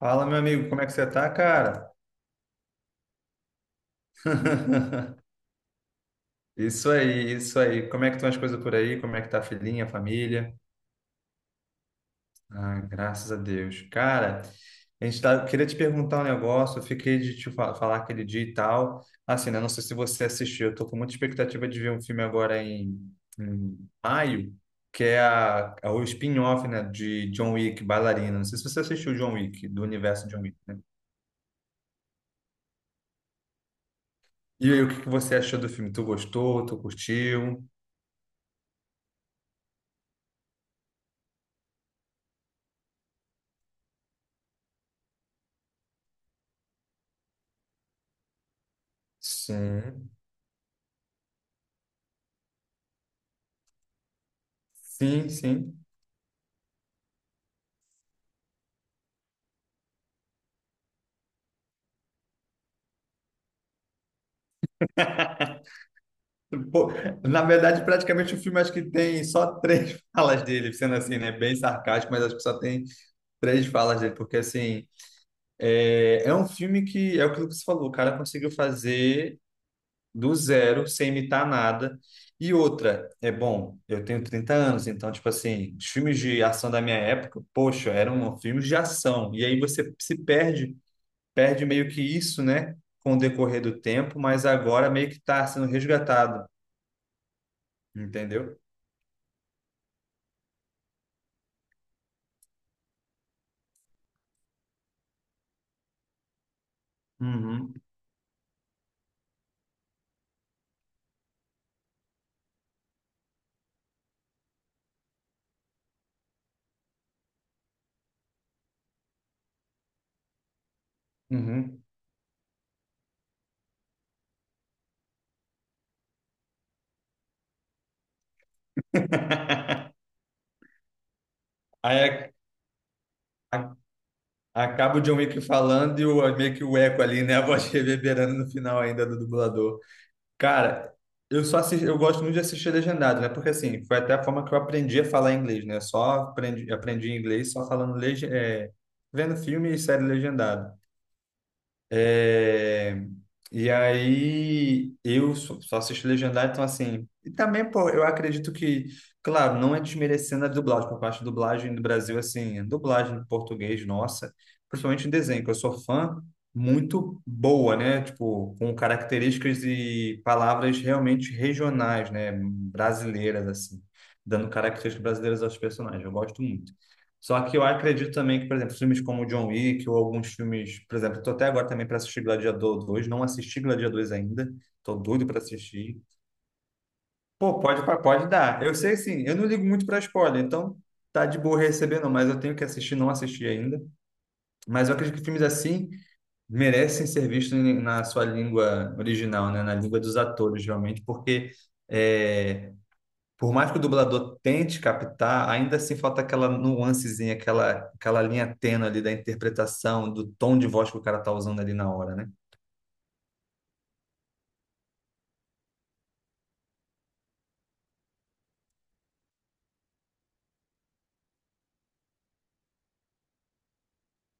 Fala, meu amigo, como é que você tá, cara? Isso aí, isso aí. Como é que estão as coisas por aí? Como é que tá a filhinha, a família? Ah, graças a Deus. Cara, a gente tá, eu queria te perguntar um negócio, eu fiquei de falar aquele dia e tal. Assim, né? Não sei se você assistiu, eu tô com muita expectativa de ver um filme agora em maio, que é o spin-off, né, de John Wick, Bailarina. Não sei se você assistiu John Wick, do universo John Wick, né? E aí, o que que você achou do filme? Tu gostou? Tu curtiu? Sim, sim, sim. Pô, na verdade, praticamente o filme acho que tem só três falas dele, sendo assim, né? Bem sarcástico, mas acho que só tem três falas dele, porque assim, é um filme que é aquilo que você falou, o cara conseguiu fazer do zero, sem imitar nada. E outra, é bom, eu tenho 30 anos, então, tipo assim, os filmes de ação da minha época, poxa, eram filmes de ação. E aí você se perde perde meio que isso, né, com o decorrer do tempo, mas agora meio que está sendo resgatado, entendeu? Uhum, uhum. Aí ac- a- acaba o John Wick falando e o, meio que o eco ali, né? A voz reverberando no final ainda do dublador. Cara, eu só assisti, eu gosto muito de assistir legendado, né? Porque assim, foi até a forma que eu aprendi a falar inglês, né? Só aprendi, aprendi inglês só falando vendo filme e série legendado. É, e aí eu só assisto legendado, então assim. E também, pô, eu acredito que, claro, não é desmerecendo a dublagem, por parte da dublagem no Brasil, assim, a dublagem em português, nossa, principalmente em desenho, que eu sou fã, muito boa, né? Tipo, com características e palavras realmente regionais, né? Brasileiras, assim, dando características brasileiras aos personagens. Eu gosto muito. Só que eu acredito também que, por exemplo, filmes como John Wick ou alguns filmes, por exemplo, tô até agora também para assistir Gladiador dois, não assisti Gladiador dois ainda, tô doido para assistir. Pô, pode, pode dar. Eu sei, sim, eu não ligo muito para spoiler, então tá de boa recebendo, mas eu tenho que assistir, não assisti ainda. Mas eu acredito que filmes assim merecem ser vistos na sua língua original, né? Na língua dos atores, realmente, porque é, por mais que o dublador tente captar, ainda assim falta aquela nuancezinha, aquela linha tênue ali da interpretação, do tom de voz que o cara tá usando ali na hora, né?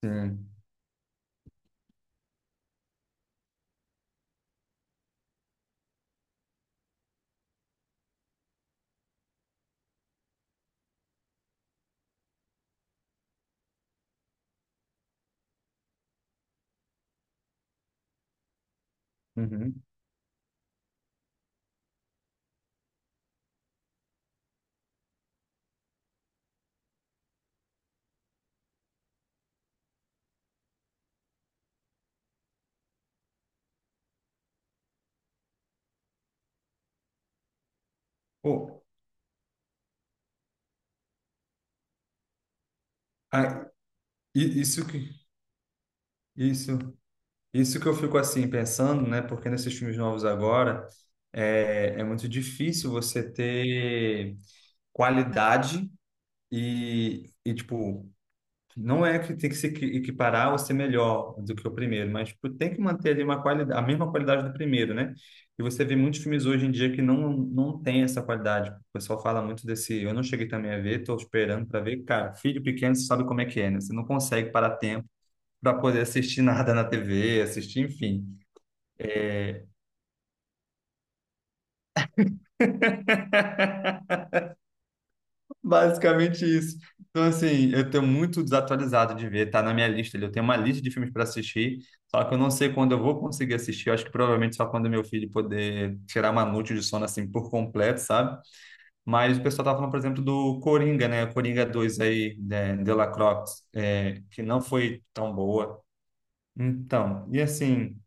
Sim. Uhum. Pô, ah, i- isso que isso isso que eu fico assim pensando, né? Porque nesses filmes novos agora é muito difícil você ter qualidade e tipo. Não é que tem que se equi- equiparar ou ser melhor do que o primeiro, mas tipo, tem que manter ali uma qualidade, a mesma qualidade do primeiro, né? E você vê muitos filmes hoje em dia que não, não tem essa qualidade. O pessoal fala muito desse. Eu não cheguei também a ver, estou esperando para ver. Cara, filho pequeno, você sabe como é que é, né? Você não consegue parar tempo para poder assistir nada na TV, assistir, enfim. Basicamente isso. Então, assim, eu tô muito desatualizado de ver, tá na minha lista ali. Eu tenho uma lista de filmes para assistir, só que eu não sei quando eu vou conseguir assistir. Eu acho que provavelmente só quando meu filho poder tirar uma noite de sono, assim, por completo, sabe? Mas o pessoal tá falando, por exemplo, do Coringa, né? Coringa dois aí, né? De La Croix, é, que não foi tão boa. Então, e assim,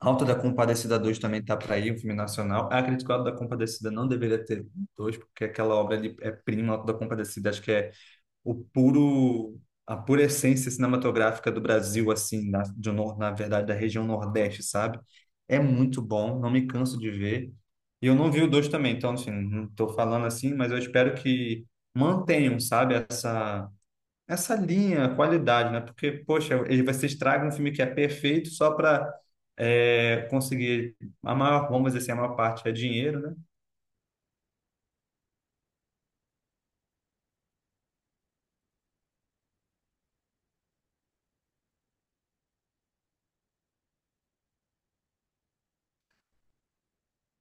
Auto da Compadecida dois também tá para ir, um filme nacional. Ah, acredito que o Auto da Compadecida não deveria ter dois, porque aquela obra ali é prima, Auto da Compadecida, acho que é o puro a pura essência cinematográfica do Brasil, assim, na, de um nor- na verdade, da região Nordeste, sabe? É muito bom, não me canso de ver. E eu não vi o dois também, então, assim, não estou falando assim, mas eu espero que mantenham, sabe, essa linha, qualidade, né? Porque, poxa, ele vai se estraga um filme que é perfeito só para conseguir a maior, vamos dizer assim, a maior parte é dinheiro, né?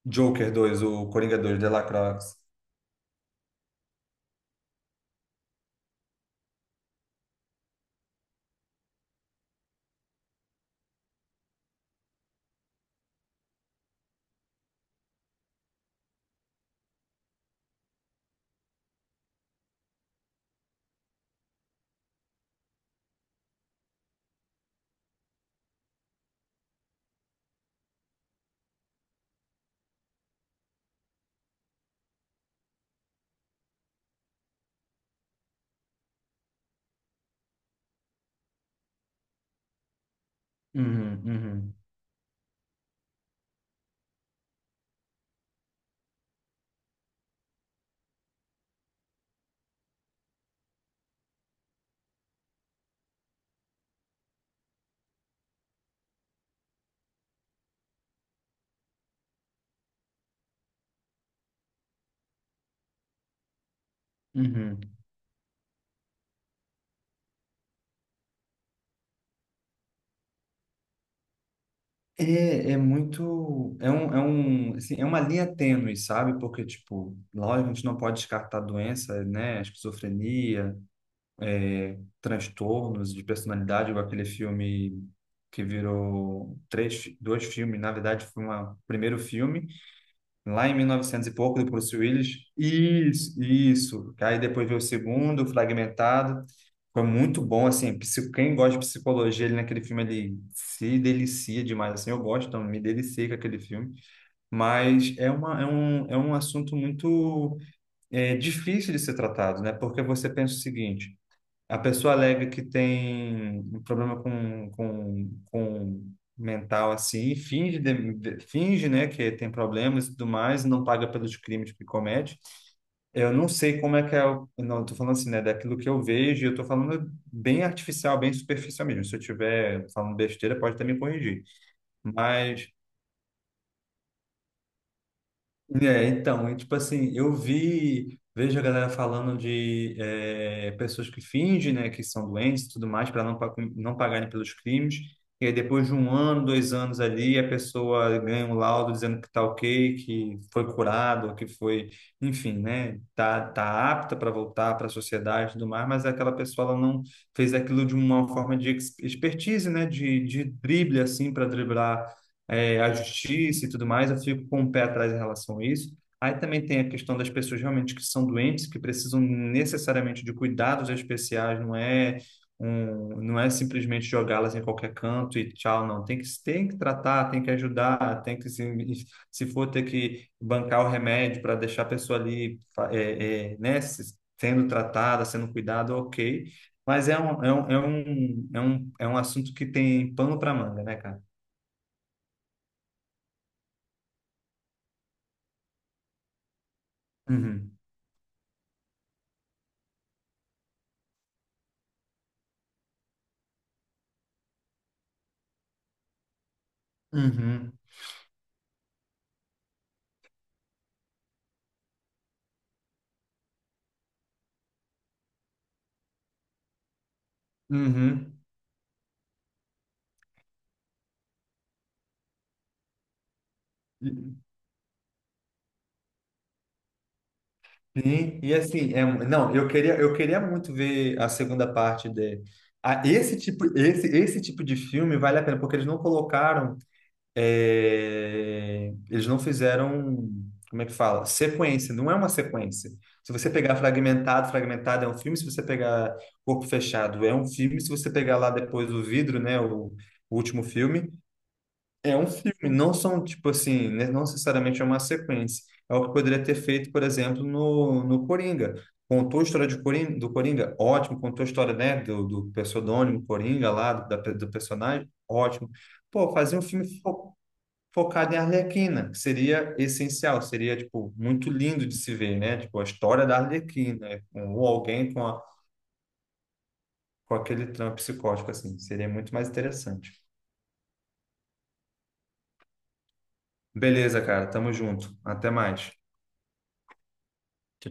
Joker dois, o Coringa dois de La Croix. Uhum, uhum, uhum. É um, assim, é uma linha tênue, sabe? Porque, tipo, lógico, a gente não pode descartar doença, né? Esquizofrenia, é, transtornos de personalidade, igual aquele filme que virou três, dois filmes, na verdade foi uma- o primeiro filme, lá em 1900 e pouco, do Bruce Willis. Isso, isso. Aí depois veio o segundo, Fragmentado. Foi muito bom, assim, quem gosta de psicologia, ele naquele filme, ele se delicia demais, assim, eu gosto, então me deliciei com aquele filme, mas é um assunto muito difícil de ser tratado, né, porque você pensa o seguinte, a pessoa alega que tem um problema com mental assim, e finge, né, que tem problemas e tudo mais, não paga pelos crimes que comete. Eu não sei como é que é, não, eu tô falando assim, né, daquilo que eu vejo, e eu tô falando bem artificial, bem superficial mesmo. Se eu estiver falando besteira, pode até me corrigir. Mas é, então, e, tipo assim, vejo a galera falando de é, pessoas que fingem, né, que são doentes e tudo mais, para não pagarem pelos crimes, e aí depois de um ano, dois anos ali, a pessoa ganha um laudo dizendo que tá ok, que foi curado, que foi, enfim, né, tá apta para voltar para a sociedade e tudo mais, mas aquela pessoa, ela não fez aquilo de uma forma de expertise, né, de drible, assim, para driblar é, a justiça e tudo mais, eu fico com o pé atrás em relação a isso. Aí também tem a questão das pessoas realmente que são doentes, que precisam necessariamente de cuidados especiais, não é não é simplesmente jogá-las em qualquer canto e tchau, não. Tem que tratar, tem que ajudar, tem que se for ter que bancar o remédio para deixar a pessoa ali, né, sendo tratada, sendo cuidada, ok. Mas é um assunto que tem pano para manga, né, cara? Uhum. Uhum, uhum. E, sim, e assim, é, não, eu queria muito ver a segunda parte de a, esse tipo, esse tipo de filme vale a pena, porque eles não colocaram, é, eles não fizeram, como é que fala? Sequência, não é uma sequência. Se você pegar fragmentado, fragmentado é um filme, se você pegar corpo fechado é um filme, se você pegar lá depois o vidro, né, o último filme, é um filme, não são, tipo assim, né, não necessariamente é uma sequência. É o que poderia ter feito, por exemplo, no Coringa. Contou a história de Coringa, do Coringa, ótimo. Contou a história, né, do pseudônimo Coringa lá, do personagem, ótimo. Pô, fazer um filme focado em Arlequina, que seria essencial, seria, tipo, muito lindo de se ver, né? Tipo, a história da Arlequina, com, ou alguém com, a, com aquele trampo psicótico, assim, seria muito mais interessante. Beleza, cara, tamo junto. Até mais.